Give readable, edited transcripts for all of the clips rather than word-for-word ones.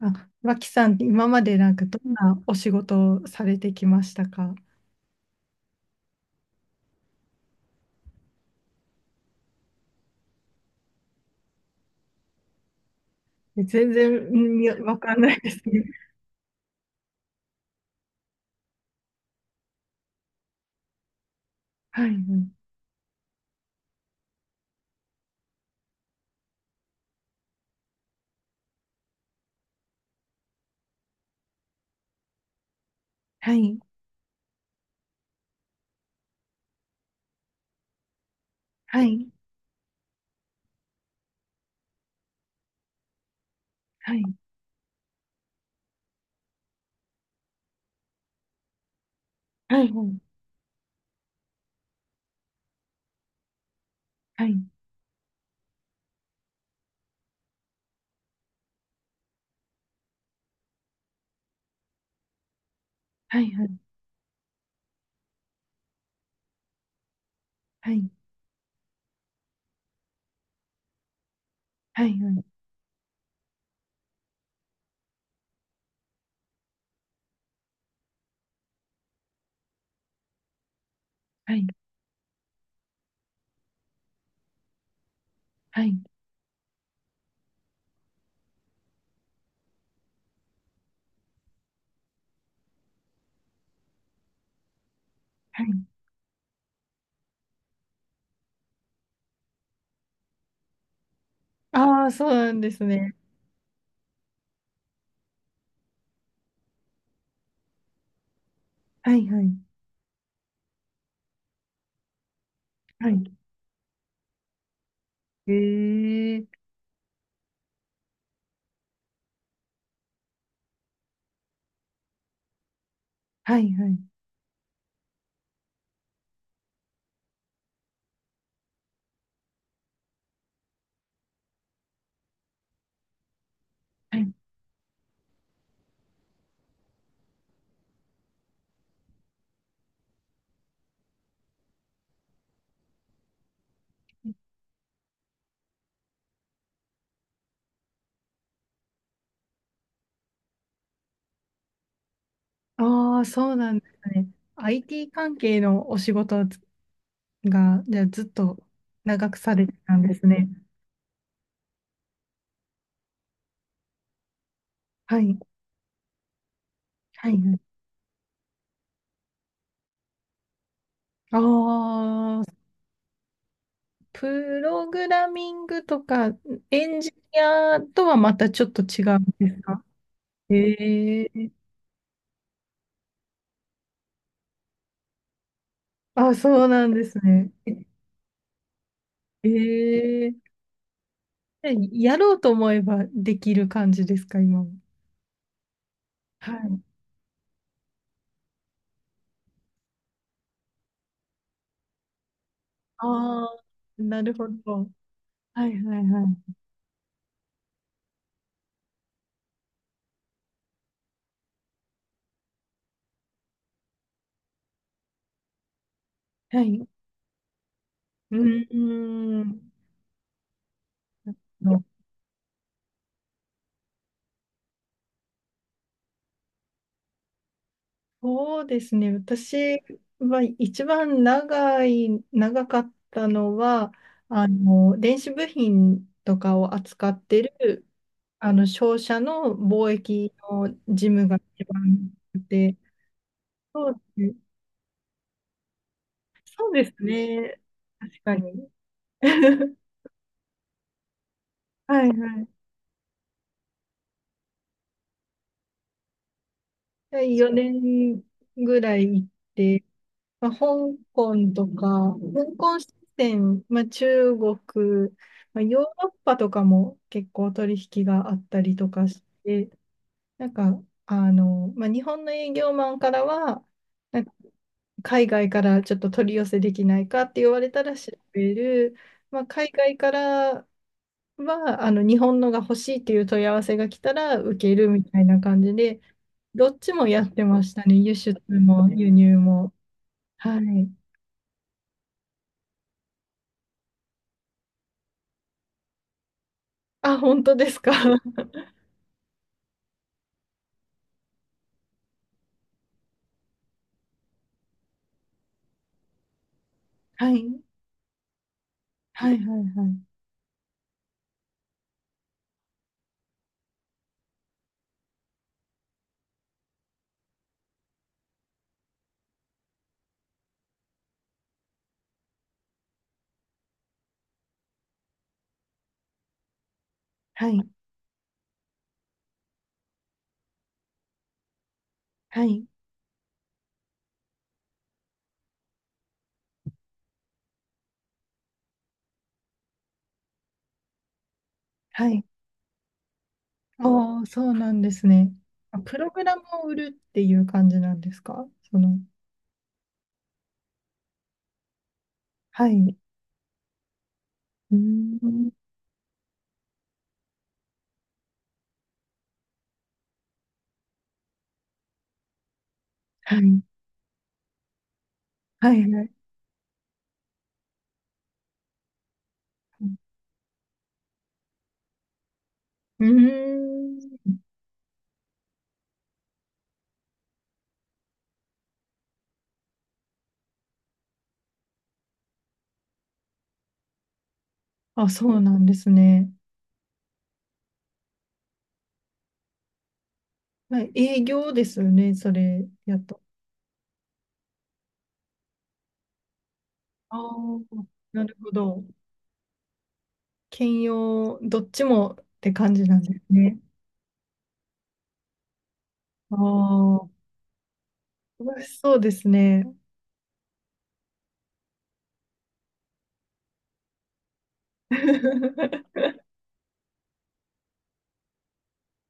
あ、脇さん、今までなんかどんなお仕事をされてきましたか？え、全然、うん、いや、わかんないですね。はい、はい、はい、はい、はい、はい、はい、はい、はい、はい、はい、はい、はい、はい。ああー、そうなんですね。はい、はい、はい。ええ、はい、はい、はい。ああ、そうなんですね。IT 関係のお仕事が、じゃあずっと長くされてたんですね。はい、はい。ああ、プログラミングとかエンジニアとはまたちょっと違うんですか？ええー、あ、そうなんですね。ええー、やろうと思えばできる感じですか、今も。はい。ああ、なるほど。はい、はい、はい。はい。うーん。そうですね。私は一番長い、長かったのは、あの、電子部品とかを扱ってる、あの、商社の貿易の事務が一番多くて、そうですね。そうですね。確かに。はいはい。4年ぐらい行って、まあ、香港とか、香港支店、まあ、中国、まあ、ヨーロッパとかも結構取引があったりとかして、なんか、あの、まあ、日本の営業マンからは、なんか海外からちょっと取り寄せできないかって言われたら調べる、まあ、海外からは、あの、日本のが欲しいっていう問い合わせが来たら受けるみたいな感じで、どっちもやってましたね、輸出も輸入も。はい。あ、本当ですか。はい、はい、はい、はい、はい、はい、はい。ああ、そうなんですね。あ、プログラムを売るっていう感じなんですか、その。はい。うーん、はい、はい、はい。うーん。あ、そうなんですね。はい、営業ですよね、それやっと。ああ、なるほど。兼用、どっちもって感じなんですね。ああ、楽しそうですね。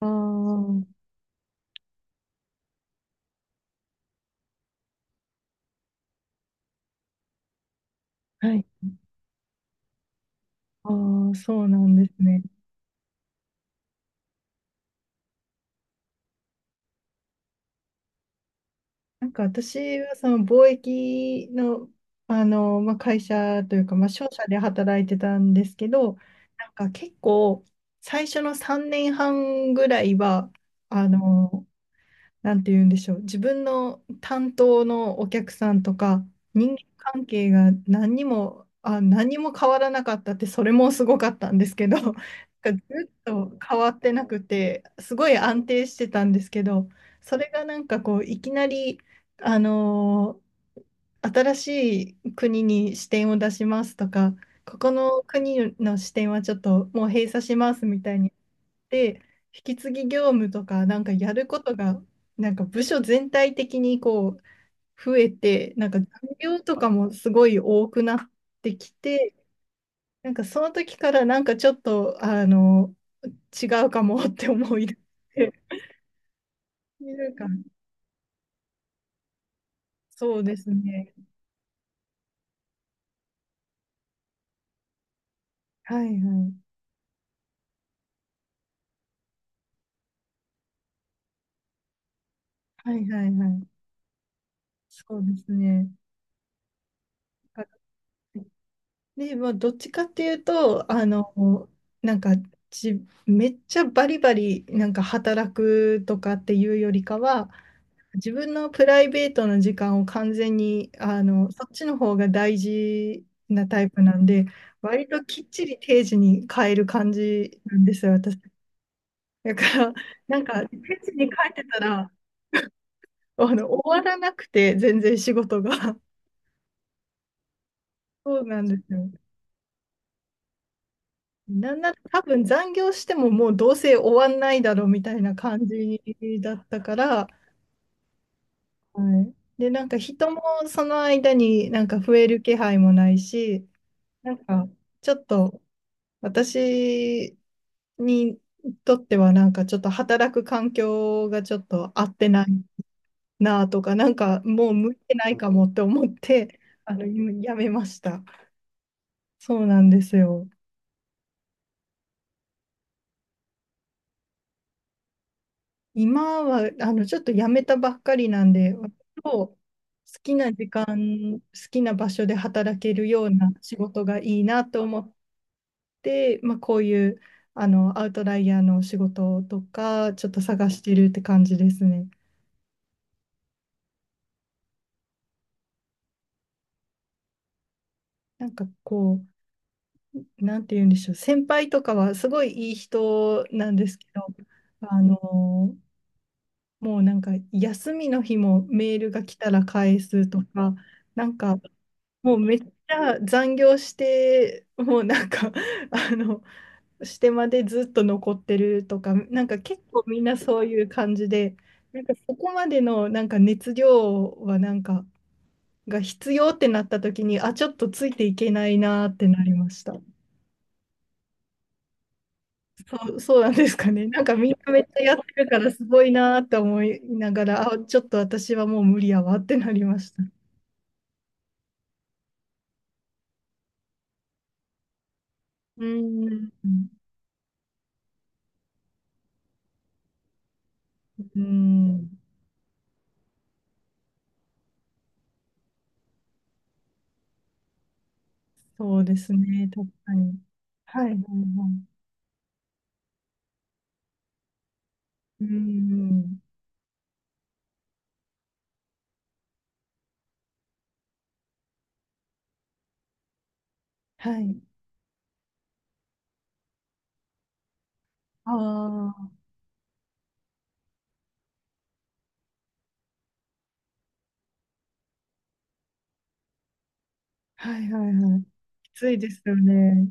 ああ。はい。ああ、そうなんですね。なんか私はその貿易の、あの、まあ、会社というか、まあ、商社で働いてたんですけど、なんか結構最初の3年半ぐらいは、あの、なんて言うんでしょう、自分の担当のお客さんとか、人間関係が何にも、あ、何にも変わらなかったって、それもすごかったんですけど、なんかずっと変わってなくて、すごい安定してたんですけど、それがなんかこう、いきなり、あのー新しい国に視点を出しますとか、ここの国の視点はちょっともう閉鎖しますみたいにで引き継ぎ業務とかなんかやることがなんか部署全体的にこう増えて、なんか残業とかもすごい多くなってきて、なんかその時からなんかちょっとあの違うかもって思い出して、なんかそうですね。はい、はい、はい、はい、はい、そうですね。で、まあ、どっちかっていうと、あの、なんかじ、めっちゃバリバリ、なんか働くとかっていうよりかは、自分のプライベートの時間を完全に、あの、そっちの方が大事なタイプなんで、割ときっちり定時に変える感じなんですよ、私。だから、なんか、定時に帰ってたら、あの、終わらなくて、全然仕事が。そうなんですよ。なんなら多分残業してももうどうせ終わんないだろうみたいな感じだったから、はい、で、なんか人もその間になんか増える気配もないし、なんかちょっと私にとってはなんかちょっと働く環境がちょっと合ってないなとか、なんかもう向いてないかもって思って、あの、やめました。そうなんですよ。今は、あの、ちょっと辞めたばっかりなんで、割と好きな時間、好きな場所で働けるような仕事がいいなと思って、まあ、こういう、あの、アウトライヤーの仕事とか、ちょっと探してるって感じですね。なんかこう、なんて言うんでしょう、先輩とかはすごいいい人なんですけど、あの、もうなんか休みの日もメールが来たら返すとか、なんか、もうめっちゃ残業して、もうなんか あの、してまでずっと残ってるとか、なんか結構みんなそういう感じで、なんかそこまでのなんか熱量はなんか、が必要ってなった時に、あ、ちょっとついていけないなーってなりました。そう、そうなんですかね。なんかみんなめっちゃやってるからすごいなーって思いながら、あ、ちょっと私はもう無理やわってなりました。うん。うん。そうですね、確かに。はい、はい、はい。うん、はい。ああ、はい、はい、はい。きついですよね。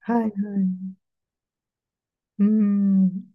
はい、はい。うん。